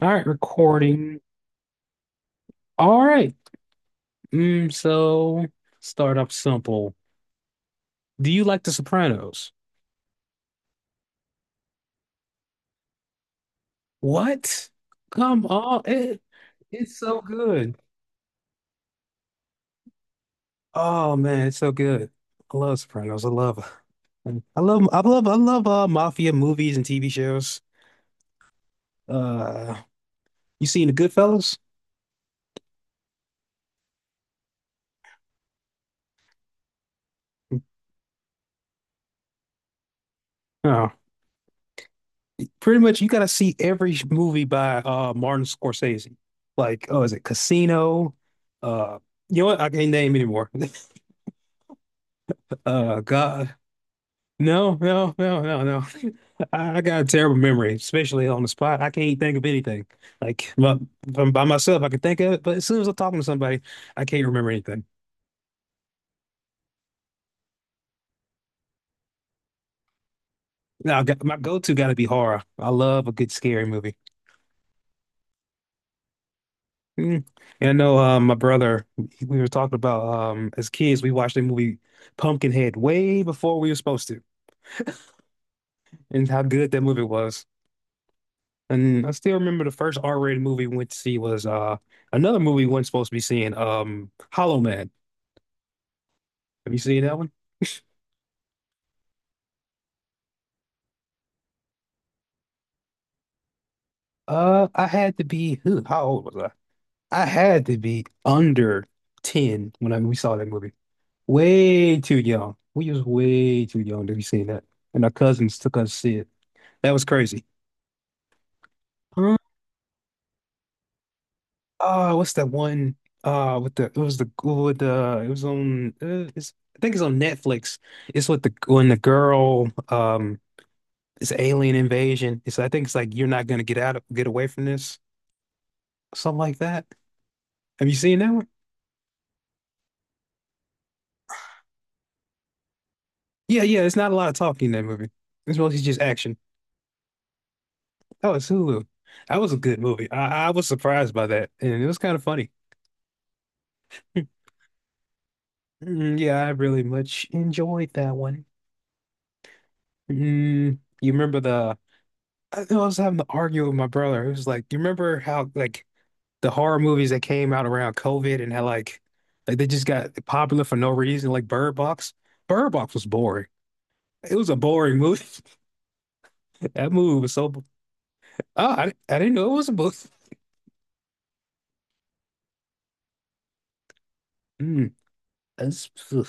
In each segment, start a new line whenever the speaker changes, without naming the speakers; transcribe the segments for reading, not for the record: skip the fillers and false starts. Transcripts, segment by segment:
All right, recording. All right. Mm, so Start off simple. Do you like The Sopranos? What? Come on. It's so good. Oh man, it's so good. I love Sopranos. I love I love I love I love mafia movies and TV shows. Uh you seen The Goodfellas? Oh. Pretty much you gotta see every movie by Martin Scorsese. Like, oh, is it Casino? Uh you know what? I can't name anymore. God, no, no, no, no, no. I got a terrible memory, especially on the spot. I can't think of anything. Like, but by myself, I can think of it, but as soon as I'm talking to somebody, I can't remember anything. Now, my go-to got to be horror. I love a good scary movie. Mm. And I know my brother, we were talking about as kids, we watched the movie Pumpkinhead way before we were supposed to, and how good that movie was. And I still remember the first R-rated movie we went to see was another movie we weren't supposed to be seeing, Hollow Man. Have you seen that one? I had to be, huh, how old was I? I had to be under 10 when we saw that movie. Way too young. We was way too young to be seeing that. And our cousins took us to see it. That was crazy. Huh? What's that one? With the it was the with the it was on it's, I think it's on Netflix. It's with the when the girl it's alien invasion. It's like, I think it's like you're not gonna get out of get away from this, something like that. Have you seen that one? Yeah, yeah. It's not a lot of talking in that movie. It's mostly just action. Oh, it's Hulu. That was a good movie. I was surprised by that, and it was kind of funny. Mm, yeah, I really much enjoyed that one. Mm, you remember the? I think I was having to argue with my brother. It was like, you remember how like the horror movies that came out around COVID and how they just got popular for no reason, like Bird Box. Bird Box was boring. It was a boring movie. That movie was Oh, I didn't know it was a book. Mm, that's, ugh.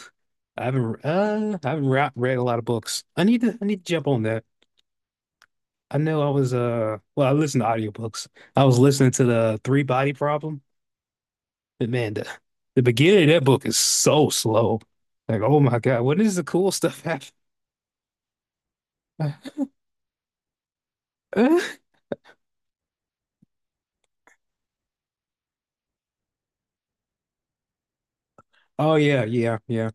I haven't read a lot of books. I need to jump on that. I know I was well I listen to audiobooks. I was listening to the Three Body Problem, but the beginning of that book is so slow. Like, oh my God, when is the cool stuff happen? Oh yeah, yeah, yeah.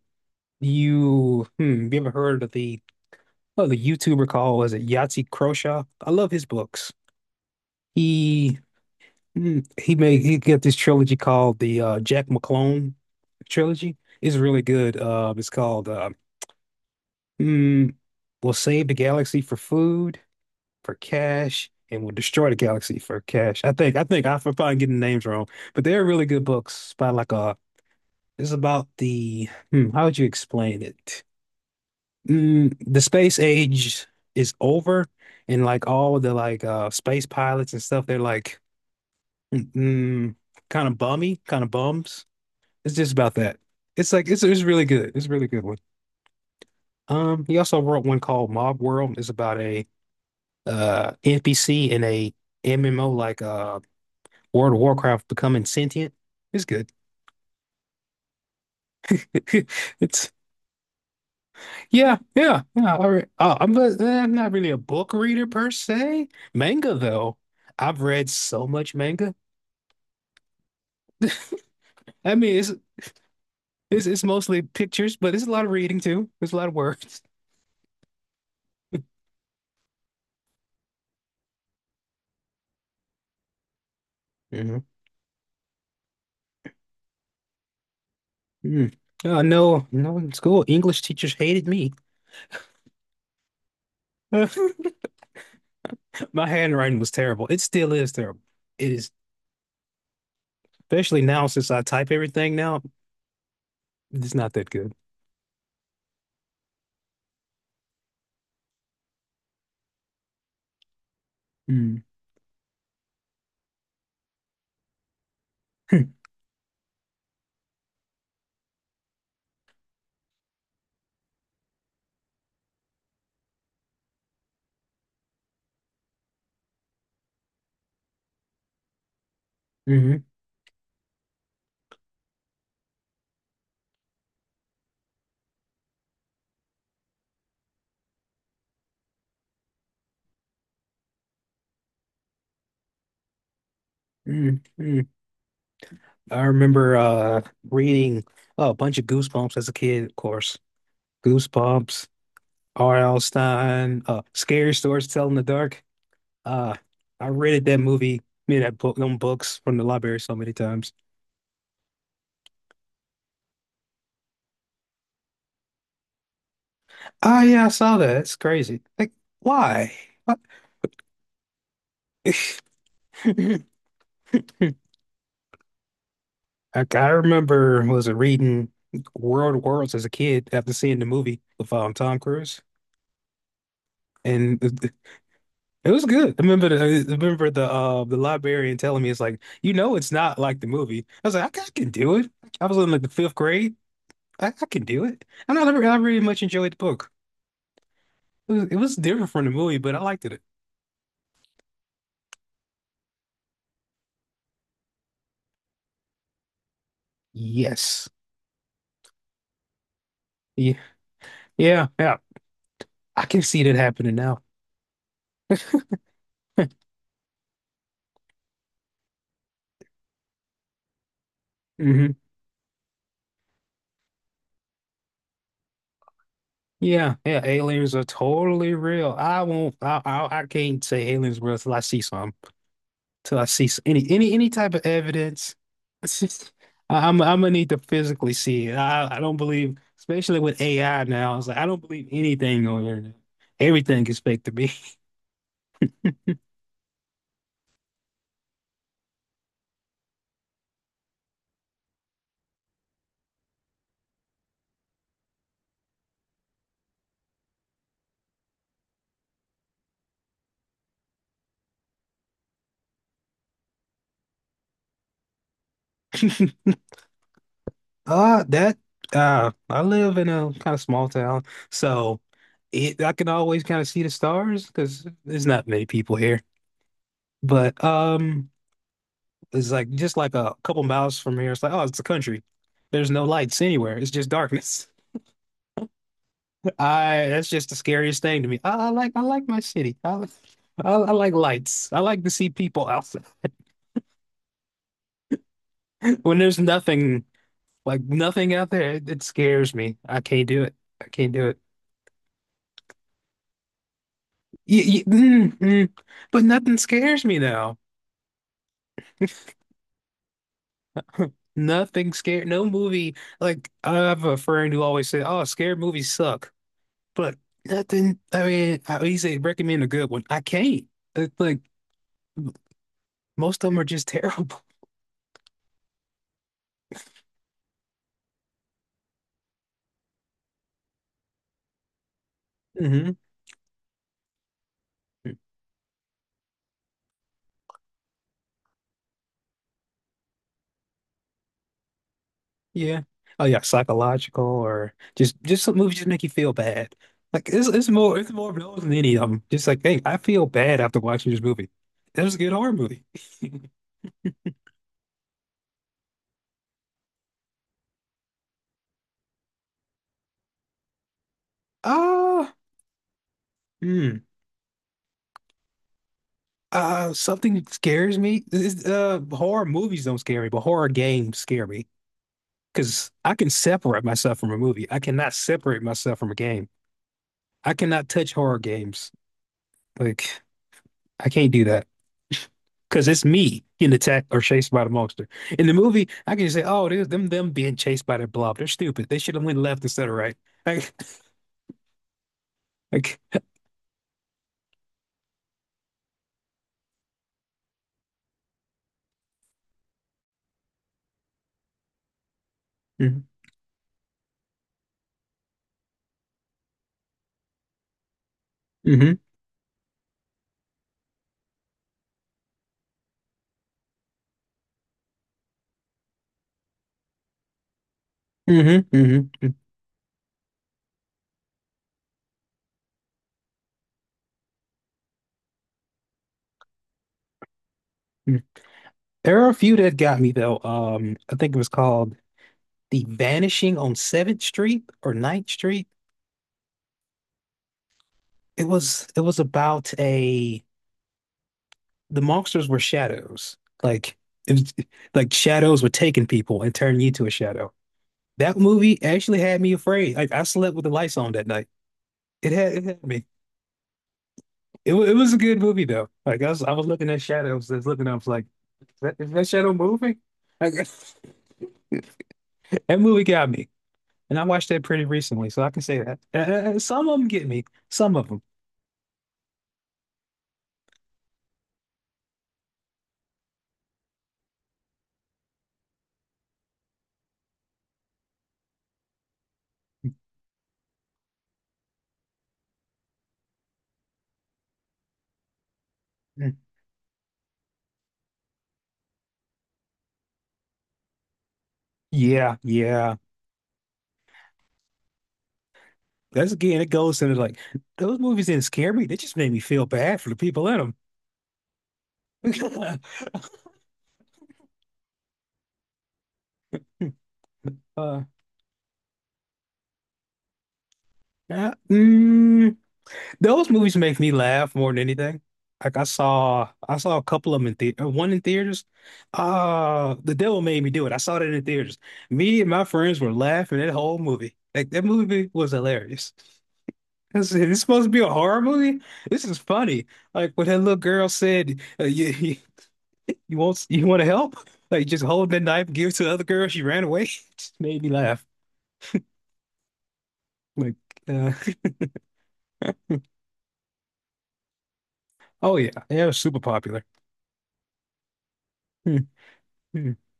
You ever heard of the YouTuber called was it Yahtzee Croshaw? I love his books. He mm, he made he got this trilogy called the Jack McClone trilogy. It's really good. It's called mm, "We'll Save the Galaxy for Food, for Cash, and We'll Destroy the Galaxy for Cash." I think I'm probably getting the names wrong, but they're really good books by it's about how would you explain it? Mm, the space age is over, and like all the space pilots and stuff, they're like Mm, kind of bums. It's just about that. It's really good. It's a really good one. He also wrote one called Mob World. It's about a NPC in a MMO like World of Warcraft becoming sentient. It's good. It's Yeah, yeah, yeah. All right. I'm not really a book reader per se. Manga though, I've read so much manga. I mean, it's mostly pictures, but it's a lot of reading too. There's a lot of words. Mhm. Mm. Oh, no, no, in school, English teachers hated me. My handwriting was terrible. It still is terrible. It is, especially now since I type everything now, it's not that good. Mm. hmm mm mm I remember reading a bunch of Goosebumps as a kid, of course. Goosebumps, R.L. Stein, Scary Stories to Tell in the Dark. Uh, I rented that movie, I mean, that book, them books from the library so many times. Oh yeah, I saw that. It's crazy. Like, why? What? Like, I remember was it reading World of Worlds as a kid after seeing the movie with Tom Cruise, and it was good. I remember the librarian telling me it's like you know it's not like the movie. I was like I can do it. I was in like the fifth grade. I can do it. And I never I really much enjoyed the book. It was different from the movie, but I liked it. Yes. Yeah. Yeah. Yeah. I can see that happening now. Mm-hmm. Yeah, yeah, aliens are totally real. I won't. I can't say aliens real till I see some. Till I see any type of evidence. It's just, I'm gonna need to physically see it. I don't believe, especially with AI now. It's like I don't believe anything on the internet. Everything is fake to me. That I live in a kind of small town, so it I can always kind of see the stars because there's not many people here. But. It's like just like a couple miles from here. It's like, oh, it's the country. There's no lights anywhere. It's just darkness. I that's just the scariest thing to me. I like my city. I like lights. I like to see people out when there's nothing like nothing out there. It scares me. I can't do it. I can't do it. Mm. But nothing scares me now. Nothing scared. No movie. Like I have a friend who always said, "Oh, scared movies suck." But nothing. I mean, I he said recommend a good one. I can't. It's like most of them are just terrible. Hmm Yeah. Oh yeah, psychological or just some movies just make you feel bad. Like it's more of those than any of them. Just like, hey, I feel bad after watching this movie. That was a good horror movie. Ah, hmm. Something scares me. It's, horror movies don't scare me, but horror games scare me because I can separate myself from a movie. I cannot separate myself from a game. I cannot touch horror games. Like I can't do that because it's me getting attacked or chased by the monster. In the movie, I can just say, "Oh, there's them being chased by the blob. They're stupid. They should have went left instead of right." Like, mm-hmm, mm-hmm, mm-hmm, mm-hmm, mm-hmm. There are a few that got me though. I think it was called The Vanishing on Seventh Street or Ninth Street. It was about a the monsters were shadows. Like it was, like shadows were taking people and turning you to a shadow. That movie actually had me afraid. Like I slept with the lights on that night. It had me. It was a good movie though. Like I was looking at shadows. I was looking. I was like, is that shadow moving? Like, that movie got me, and I watched that pretty recently, so I can say that. Some of them get me. Some of them. Mm. Yeah, yeah. That's again. It goes into like those movies didn't scare me. They just made me feel bad for the people in them. Uh, uh, mm, Those movies make me laugh more than anything. Like I saw a couple of them in theater. One in theaters. The Devil Made Me Do It. I saw that in theaters. Me and my friends were laughing that whole movie. Like that movie was hilarious. I said, "It's supposed to be a horror movie. This is funny." Like when that little girl said, You, you want to help?" Like just hold that knife, give it to the other girl. She ran away. It just made me laugh. Like, uh, oh yeah, yeah, it was super popular.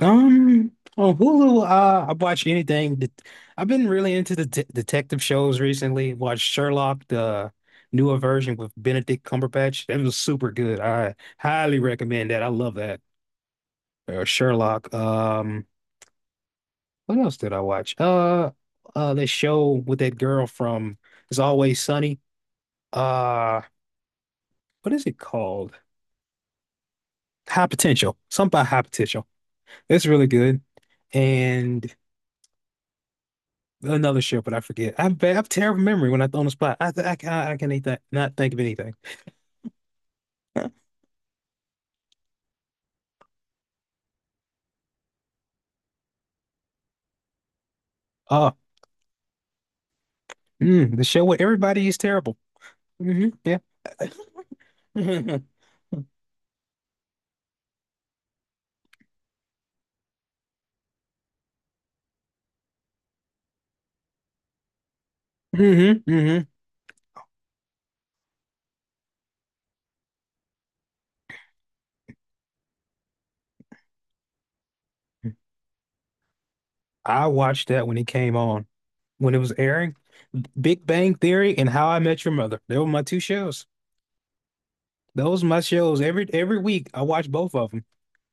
On Hulu, I watch anything. I've been really into the de detective shows recently. Watched Sherlock, the newer version with Benedict Cumberbatch. That was super good. I highly recommend that. I love that. Sherlock. What else did I watch? That show with that girl from It's Always Sunny. Uh, what is it called? High Potential. Something about High Potential. It's really good. And another ship, but I forget. I'm bad. I'm terrible memory when I throw on the spot. Can I can eat that. Not think of anything. Huh. Oh, mm, the show with everybody is terrible. Hmm yeah. hmm hmm I watched that when it came on, when it was airing. Big Bang Theory and How I Met Your Mother. They were my two shows. Those were my shows. Every week I watched both of them.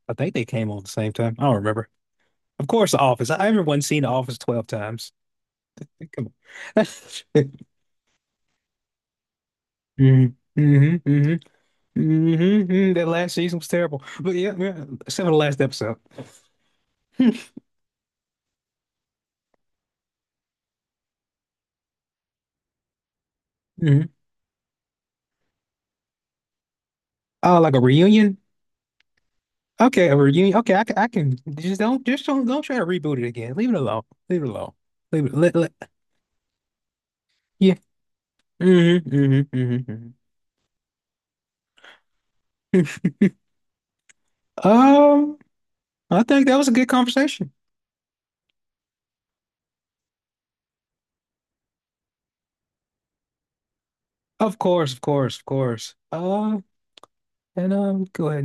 I think they came on at the same time. I don't remember. Of course, The Office. I remember one seen The Office 12 times. Come on. hmm hmm hmm hmm That last season was terrible. But yeah, yeah, except for the last episode. hmm Oh, like a reunion? Okay, a reunion. Okay, I can just don't try to reboot it again. Leave it alone. Leave it alone. Leave it. Yeah. hmm hmm hmm hmm Um, I think that was a good conversation. Of course, of course, of course. And go ahead.